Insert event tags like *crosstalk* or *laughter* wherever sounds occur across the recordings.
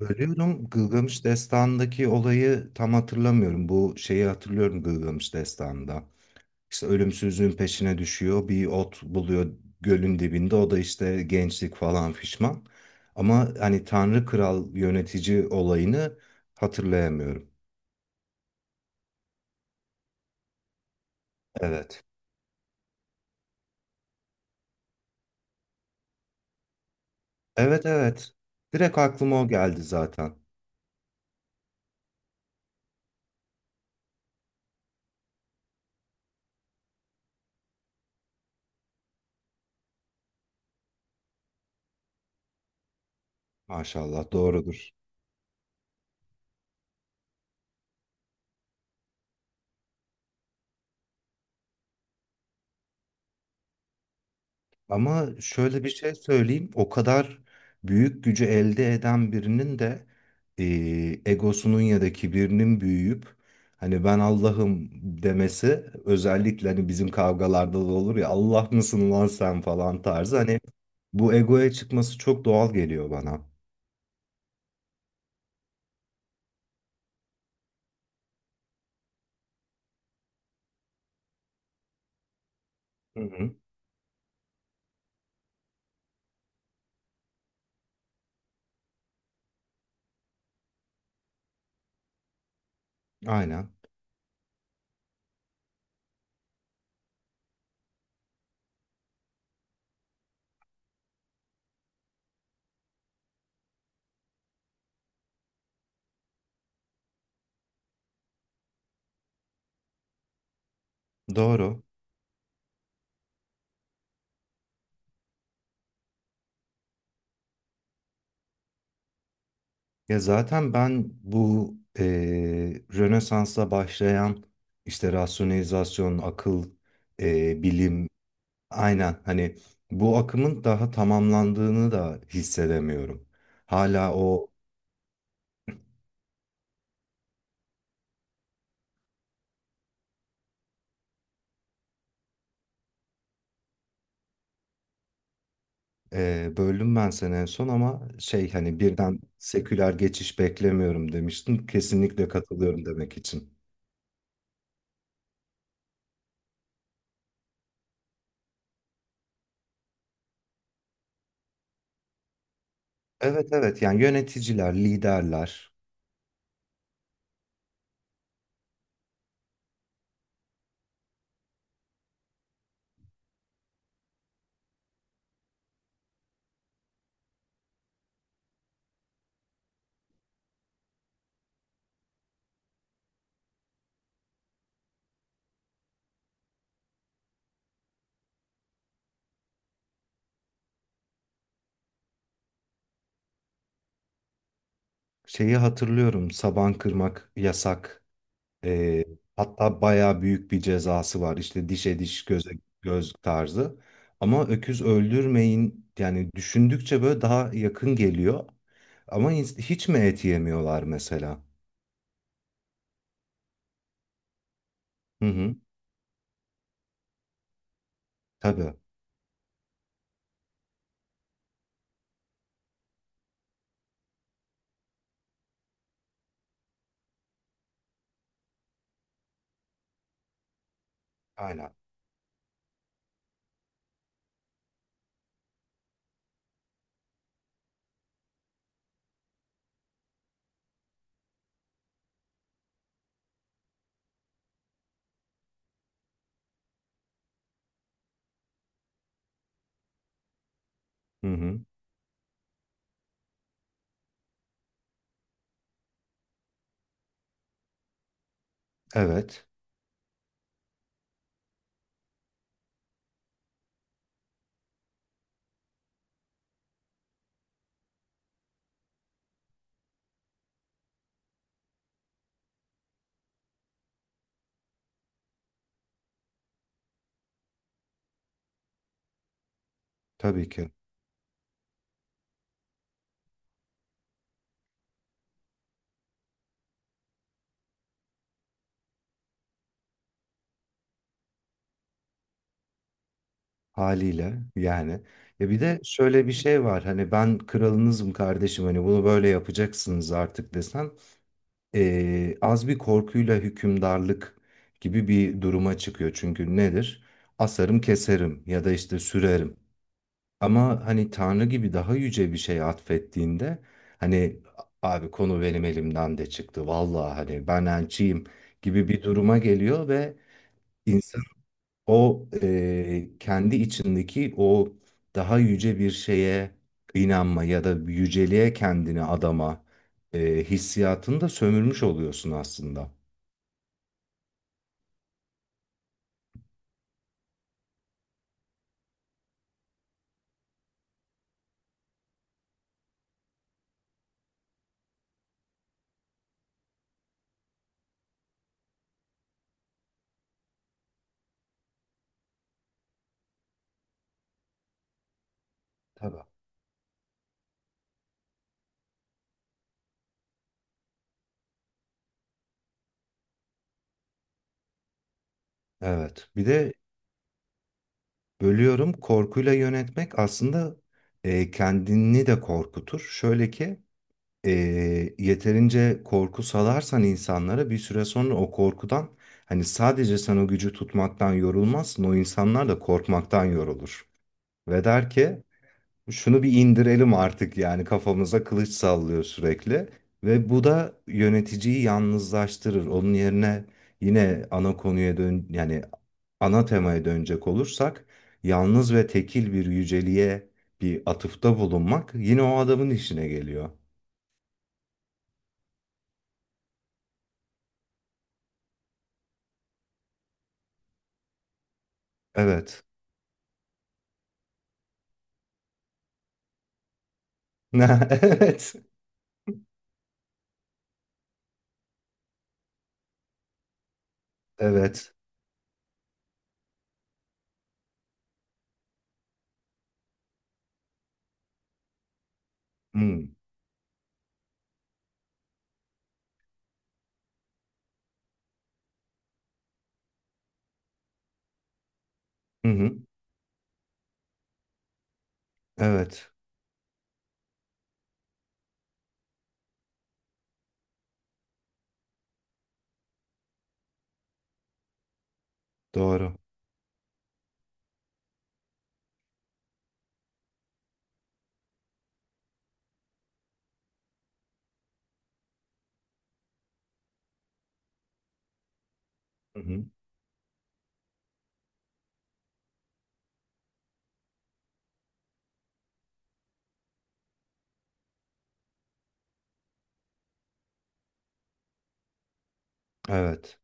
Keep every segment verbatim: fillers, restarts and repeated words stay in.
Bölüyorum. Gılgamış Destanı'ndaki olayı tam hatırlamıyorum. Bu şeyi hatırlıyorum Gılgamış Destanı'nda. İşte ölümsüzlüğün peşine düşüyor. Bir ot buluyor gölün dibinde. O da işte gençlik falan fişman. Ama hani Tanrı Kral yönetici olayını hatırlayamıyorum. Evet. Evet evet. Direkt aklıma o geldi zaten. Maşallah doğrudur. Ama şöyle bir şey söyleyeyim. O kadar büyük gücü elde eden birinin de eee, egosunun ya da kibirinin büyüyüp hani ben Allah'ım demesi, özellikle hani bizim kavgalarda da olur ya, Allah mısın lan sen falan tarzı, hani bu egoya çıkması çok doğal geliyor bana. Hı hı. Aynen. Doğru. Ya zaten ben bu eee Rönesans'la başlayan işte rasyonalizasyon, akıl, eee, bilim. Aynen, hani bu akımın daha tamamlandığını da hissedemiyorum. Hala o e, böldüm ben seni en son ama şey, hani birden seküler geçiş beklemiyorum demiştin. Kesinlikle katılıyorum demek için. Evet evet, yani yöneticiler, liderler. Şeyi hatırlıyorum, saban kırmak yasak. Ee, hatta bayağı büyük bir cezası var. İşte dişe diş, göze göz tarzı. Ama öküz öldürmeyin, yani düşündükçe böyle daha yakın geliyor. Ama ins- hiç mi et yemiyorlar mesela? Hı hı. Tabii. Aynen. Hı hı. Evet. Tabii ki. Haliyle yani. Ya bir de şöyle bir şey var. Hani ben kralınızım kardeşim. Hani bunu böyle yapacaksınız artık desen, e, az bir korkuyla hükümdarlık gibi bir duruma çıkıyor. Çünkü nedir? Asarım keserim ya da işte sürerim. Ama hani Tanrı gibi daha yüce bir şey atfettiğinde, hani abi konu benim elimden de çıktı. Vallahi hani ben elçiyim gibi bir duruma geliyor ve insan o e, kendi içindeki o daha yüce bir şeye inanma ya da yüceliğe kendini adama e, hissiyatını da sömürmüş oluyorsun aslında. Tabii. Evet. Bir de bölüyorum, korkuyla yönetmek aslında e, kendini de korkutur. Şöyle ki, e, yeterince korku salarsan insanlara, bir süre sonra o korkudan hani sadece sen o gücü tutmaktan yorulmazsın. O insanlar da korkmaktan yorulur. Ve der ki şunu bir indirelim artık, yani kafamıza kılıç sallıyor sürekli, ve bu da yöneticiyi yalnızlaştırır. Onun yerine, yine ana konuya dön, yani ana temaya dönecek olursak, yalnız ve tekil bir yüceliğe bir atıfta bulunmak yine o adamın işine geliyor. Evet. *laughs* Evet. Evet. Hmm. Hı hı. Evet. Doğru. Hı hı. Evet.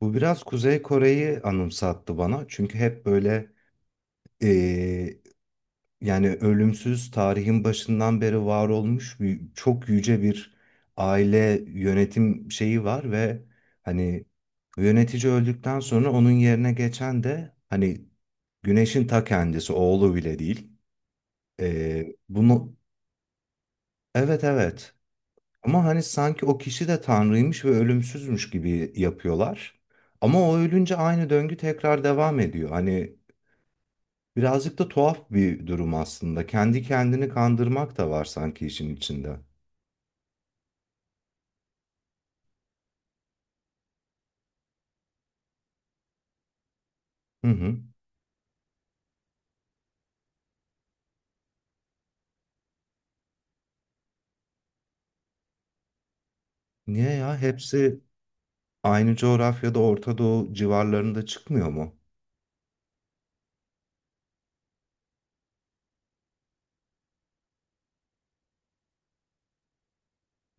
Bu biraz Kuzey Kore'yi anımsattı bana. Çünkü hep böyle, yani ölümsüz tarihin başından beri var olmuş bir, çok yüce bir aile yönetim şeyi var ve hani yönetici öldükten sonra onun yerine geçen de hani güneşin ta kendisi, oğlu bile değil. Ee, bunu evet evet, ama hani sanki o kişi de tanrıymış ve ölümsüzmüş gibi yapıyorlar. Ama o ölünce aynı döngü tekrar devam ediyor. Hani birazcık da tuhaf bir durum aslında. Kendi kendini kandırmak da var sanki işin içinde. Hı hı. Niye ya? Hepsi aynı coğrafyada Orta Doğu civarlarında çıkmıyor mu?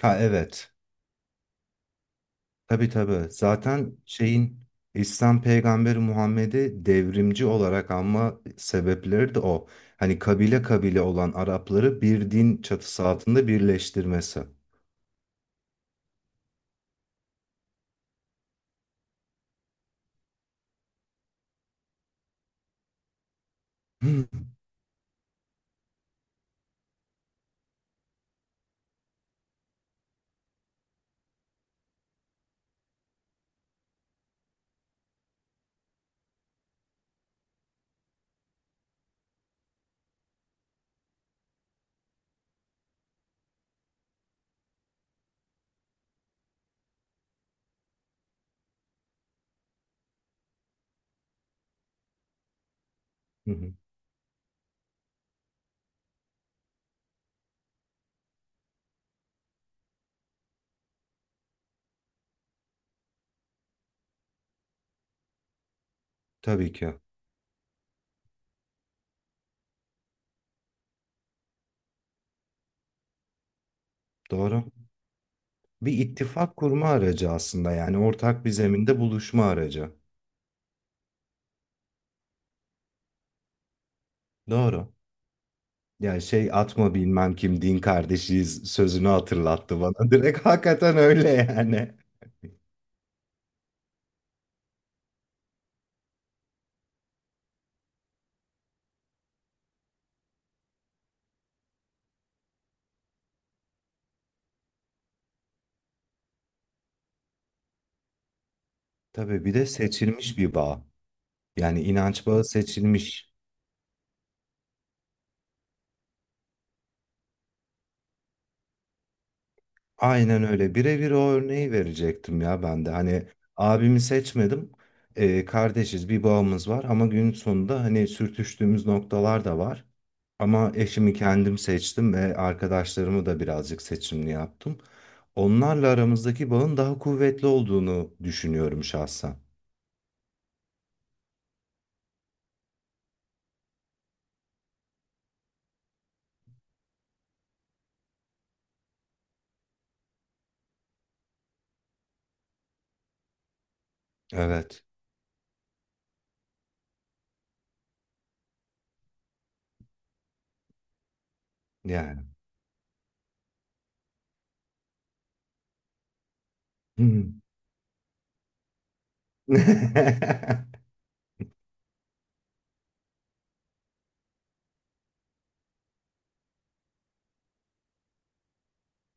Ha evet. Tabii tabii. Zaten şeyin, İslam peygamberi Muhammed'i devrimci olarak anma sebepleri de o. Hani kabile kabile olan Arapları bir din çatısı altında birleştirmesi. Hı hı. Tabii ki. Doğru. Bir ittifak kurma aracı aslında, yani ortak bir zeminde buluşma aracı. Doğru. Yani şey, atma bilmem kim din kardeşiyiz sözünü hatırlattı bana. *laughs* Direkt hakikaten öyle yani. Tabii bir de seçilmiş bir bağ. Yani inanç bağı seçilmiş. Aynen öyle. Birebir o örneği verecektim ya ben de. Hani abimi seçmedim. Ee, kardeşiz, bir bağımız var ama gün sonunda hani sürtüştüğümüz noktalar da var. Ama eşimi kendim seçtim ve arkadaşlarımı da birazcık seçimli yaptım. Onlarla aramızdaki bağın daha kuvvetli olduğunu düşünüyorum şahsen. Evet. Yani. *laughs*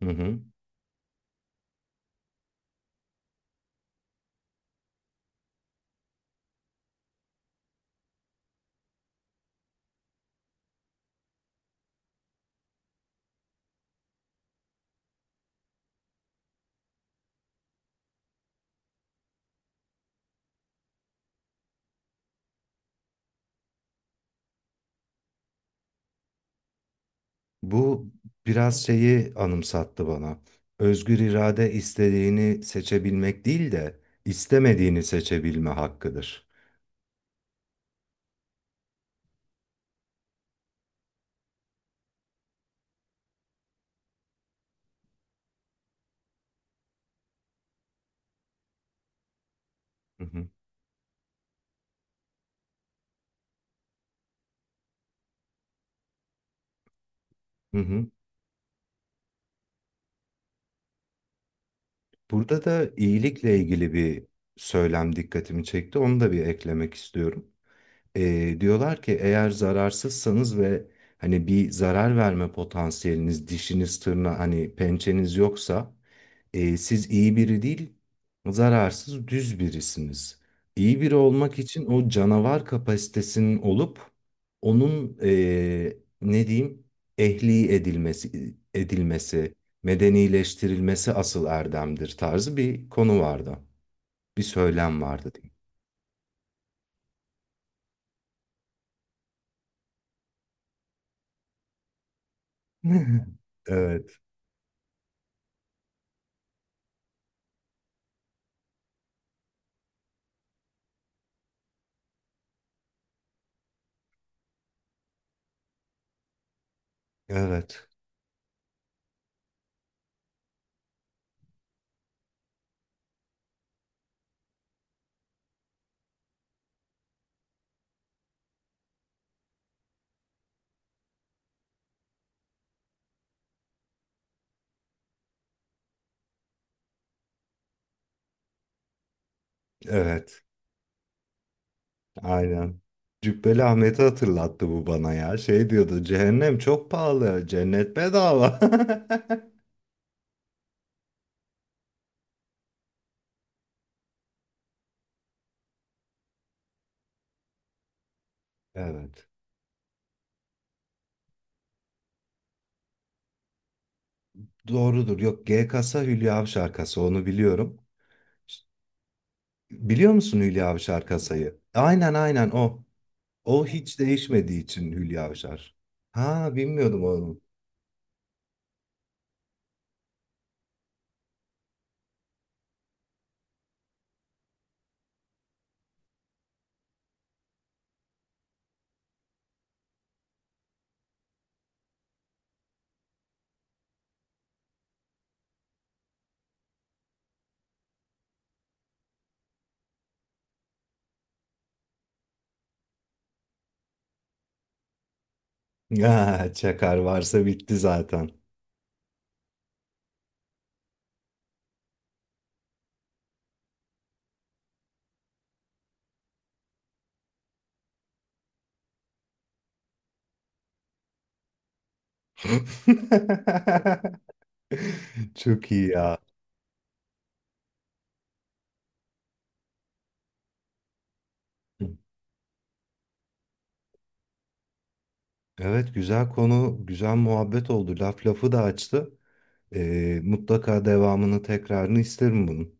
Hı hı. Bu biraz şeyi anımsattı bana. Özgür irade istediğini seçebilmek değil de istemediğini seçebilme hakkıdır. Hı hı. Hı hı. Burada da iyilikle ilgili bir söylem dikkatimi çekti. Onu da bir eklemek istiyorum. Ee, diyorlar ki eğer zararsızsanız ve hani bir zarar verme potansiyeliniz, dişiniz, tırna, hani pençeniz yoksa, e, siz iyi biri değil, zararsız düz birisiniz. İyi biri olmak için o canavar kapasitesinin olup onun, e, ne diyeyim, ehli edilmesi, edilmesi, medenileştirilmesi asıl erdemdir tarzı bir konu vardı. Bir söylem vardı diyeyim. *laughs* Evet, evet, evet. Aynen. Cübbeli Ahmet'i hatırlattı bu bana ya. Şey diyordu, cehennem çok pahalı, cennet bedava. *laughs* Evet. Doğrudur. Yok, G kasa, Hülya Avşar kasa onu biliyorum. Biliyor musun Hülya Avşar kasayı? Aynen aynen o. O hiç değişmediği için Hülya Avşar. Ha, bilmiyordum oğlum. Ya *laughs* çakar varsa bitti zaten. *laughs* Çok iyi ya. Evet, güzel konu, güzel muhabbet oldu. Laf lafı da açtı. Ee, mutlaka devamını, tekrarını isterim bunun.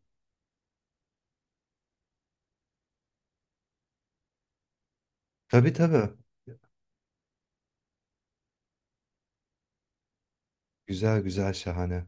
Tabii tabii. Güzel güzel, şahane.